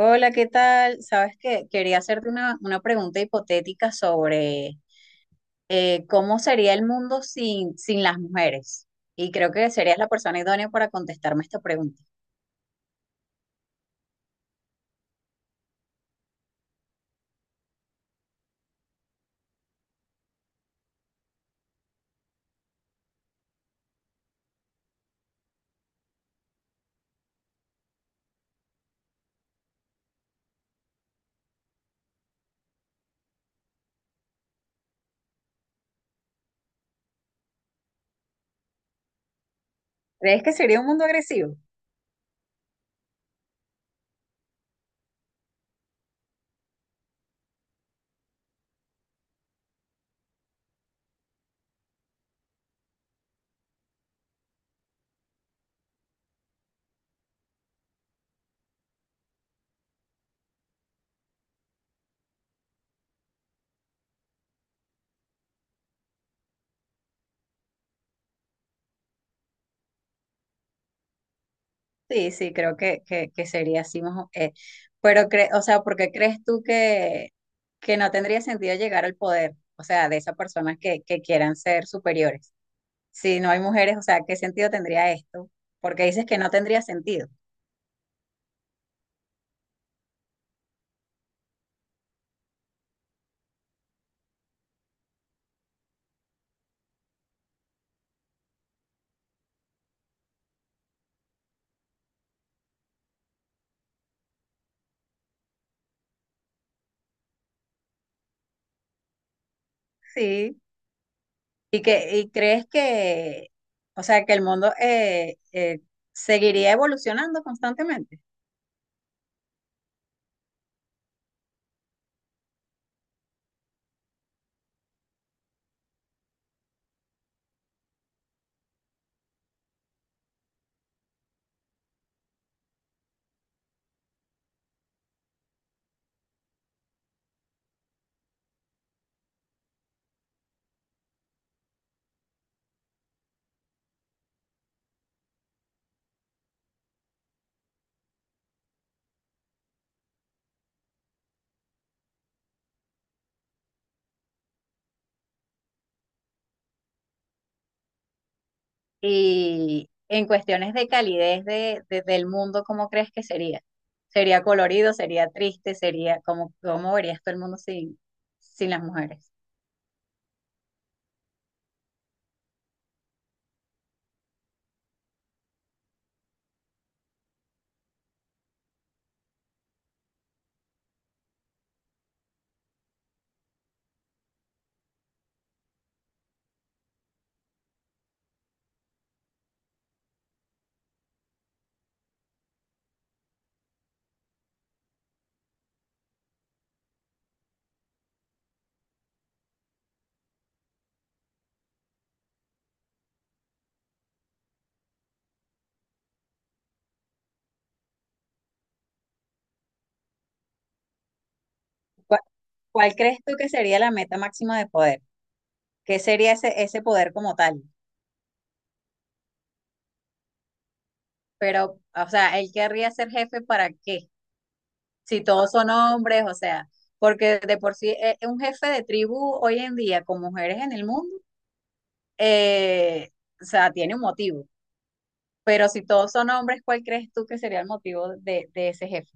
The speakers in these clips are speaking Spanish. Hola, ¿qué tal? Sabes que quería hacerte una pregunta hipotética sobre cómo sería el mundo sin las mujeres. Y creo que serías la persona idónea para contestarme esta pregunta. ¿Crees que sería un mundo agresivo? Sí, sí, creo que sería así. Pero, o sea, ¿por qué crees tú que no tendría sentido llegar al poder? O sea, de esas personas que quieran ser superiores. Si no hay mujeres, o sea, ¿qué sentido tendría esto? Porque dices que no tendría sentido. Sí. ¿ Y crees que, o sea, que el mundo seguiría evolucionando constantemente? Y en cuestiones de calidez del mundo, ¿cómo crees que sería? ¿Sería colorido? ¿Sería triste? ¿Sería cómo, cómo verías todo el mundo sin las mujeres? ¿Cuál, Cuál crees tú que sería la meta máxima de poder? ¿Qué sería ese poder como tal? Pero, o sea, ¿él querría ser jefe para qué? Si todos son hombres, o sea, porque de por sí un jefe de tribu hoy en día con mujeres en el mundo, eh, o sea, tiene un motivo. Pero si todos son hombres, ¿cuál crees tú que sería el motivo de ese jefe?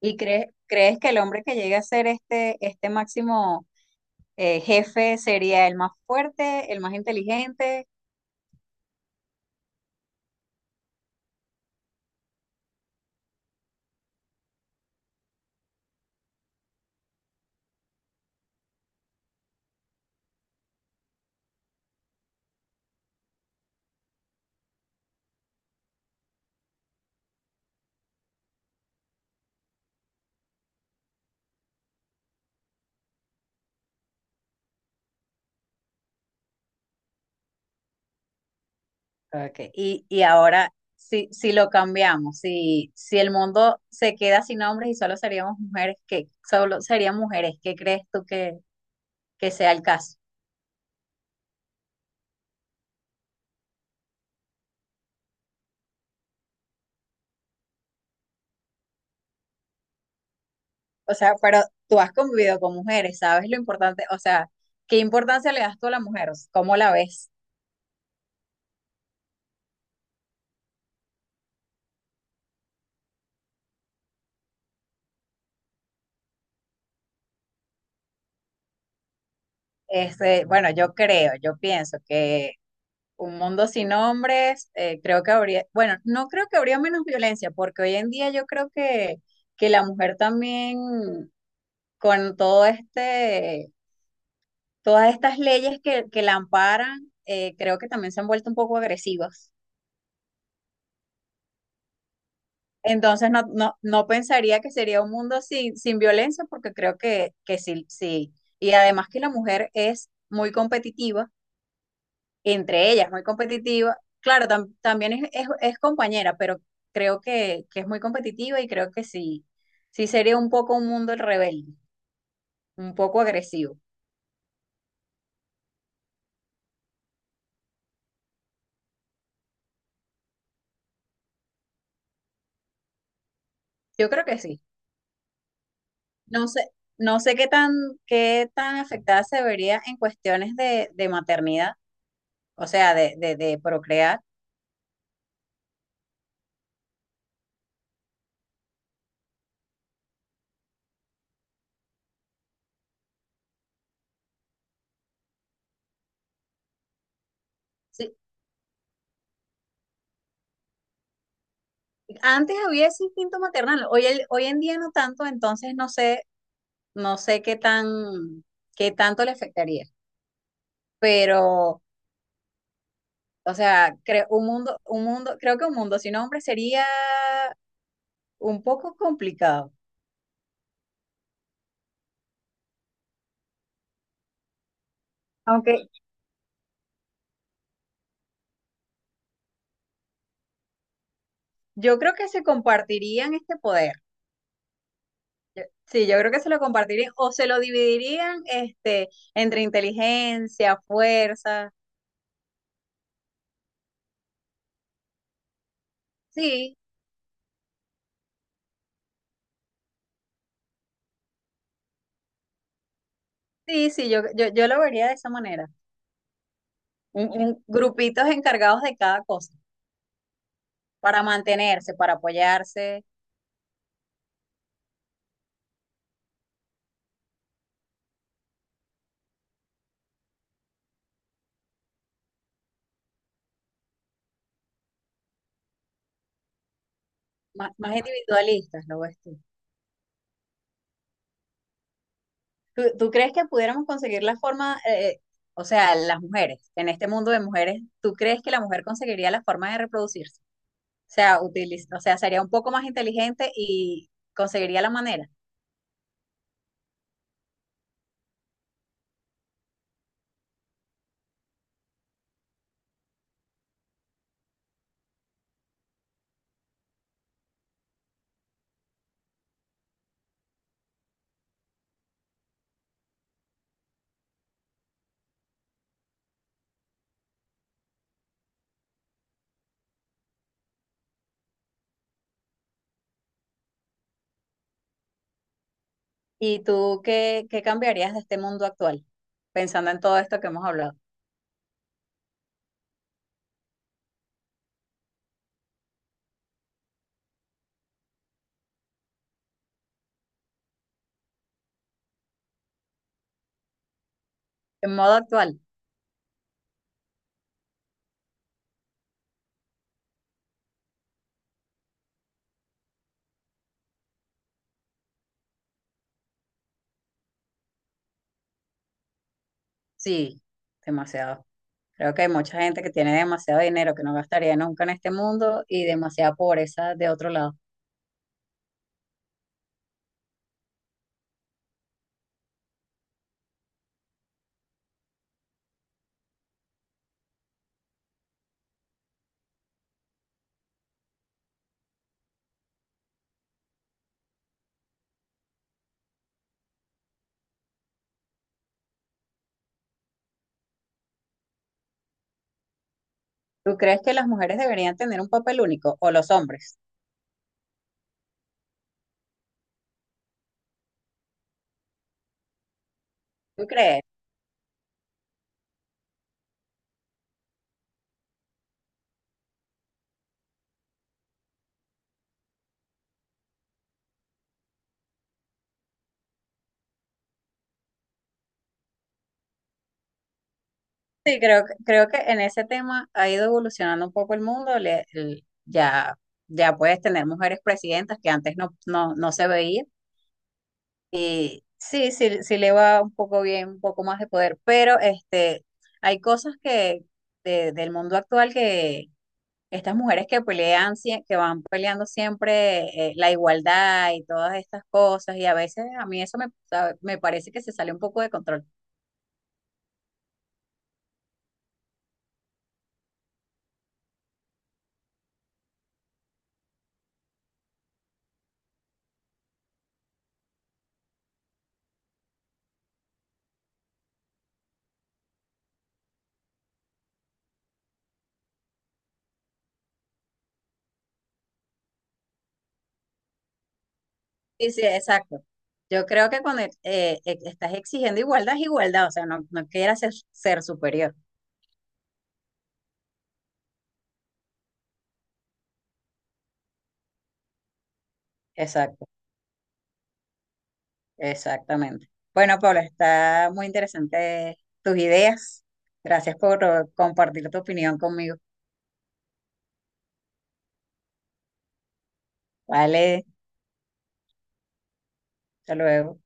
¿Y crees que el hombre que llegue a ser este, este máximo jefe sería el más fuerte, el más inteligente? Okay. Y ahora, si lo cambiamos, si el mundo se queda sin hombres y solo seríamos mujeres, ¿qué? Solo serían mujeres, ¿qué crees tú que sea el caso? O sea, pero tú has convivido con mujeres, ¿sabes lo importante? O sea, ¿qué importancia le das tú a la mujer? ¿Cómo la ves? Este, bueno, yo creo, yo pienso que un mundo sin hombres, creo que habría, bueno, no creo que habría menos violencia, porque hoy en día yo creo que la mujer también, con todo este, todas estas leyes que la amparan, creo que también se han vuelto un poco agresivas. Entonces no pensaría que sería un mundo sin violencia, porque creo que sí, sí. Y además que la mujer es muy competitiva, entre ellas muy competitiva. Claro, también es compañera, pero creo que es muy competitiva y creo que sí, sí sería un poco un mundo rebelde, un poco agresivo. Yo creo que sí. No sé, no sé qué tan afectada se vería en cuestiones de maternidad, o sea, de procrear. Sí, antes había ese instinto maternal, hoy, hoy en día no tanto, entonces no sé, no sé qué tanto le afectaría. Pero, o sea, creo creo que un mundo sin hombres sería un poco complicado. Aunque yo creo que se compartirían este poder. Sí, yo creo que se lo compartirían o se lo dividirían este, entre inteligencia, fuerza. Sí, sí, sí, yo lo vería de esa manera. Grupitos encargados de cada cosa. Para mantenerse, para apoyarse, más, más individualistas, lo ves tú. ¿Tú crees que pudiéramos conseguir la forma, o sea, las mujeres, en este mundo de mujeres, tú crees que la mujer conseguiría la forma de reproducirse? O sea, o sea, sería un poco más inteligente y conseguiría la manera. ¿Y tú qué, qué cambiarías de este mundo actual, pensando en todo esto que hemos hablado? En modo actual, sí, demasiado. Creo que hay mucha gente que tiene demasiado dinero que no gastaría nunca en este mundo y demasiada pobreza de otro lado. ¿Tú crees que las mujeres deberían tener un papel único o los hombres? ¿Tú crees? Sí, creo, creo que en ese tema ha ido evolucionando un poco el mundo. Ya, ya puedes tener mujeres presidentas que antes no se veía. Y sí, sí, sí le va un poco bien, un poco más de poder. Pero este, hay cosas que del mundo actual, estas mujeres que pelean, que van peleando siempre la igualdad y todas estas cosas, y a veces a mí eso me, me parece que se sale un poco de control. Sí, sí, exacto. Yo creo que cuando estás exigiendo igualdad es igualdad, o sea, no quieras ser superior. Exacto, exactamente. Bueno, Paula, está muy interesante tus ideas. Gracias por compartir tu opinión conmigo. Vale, hasta luego.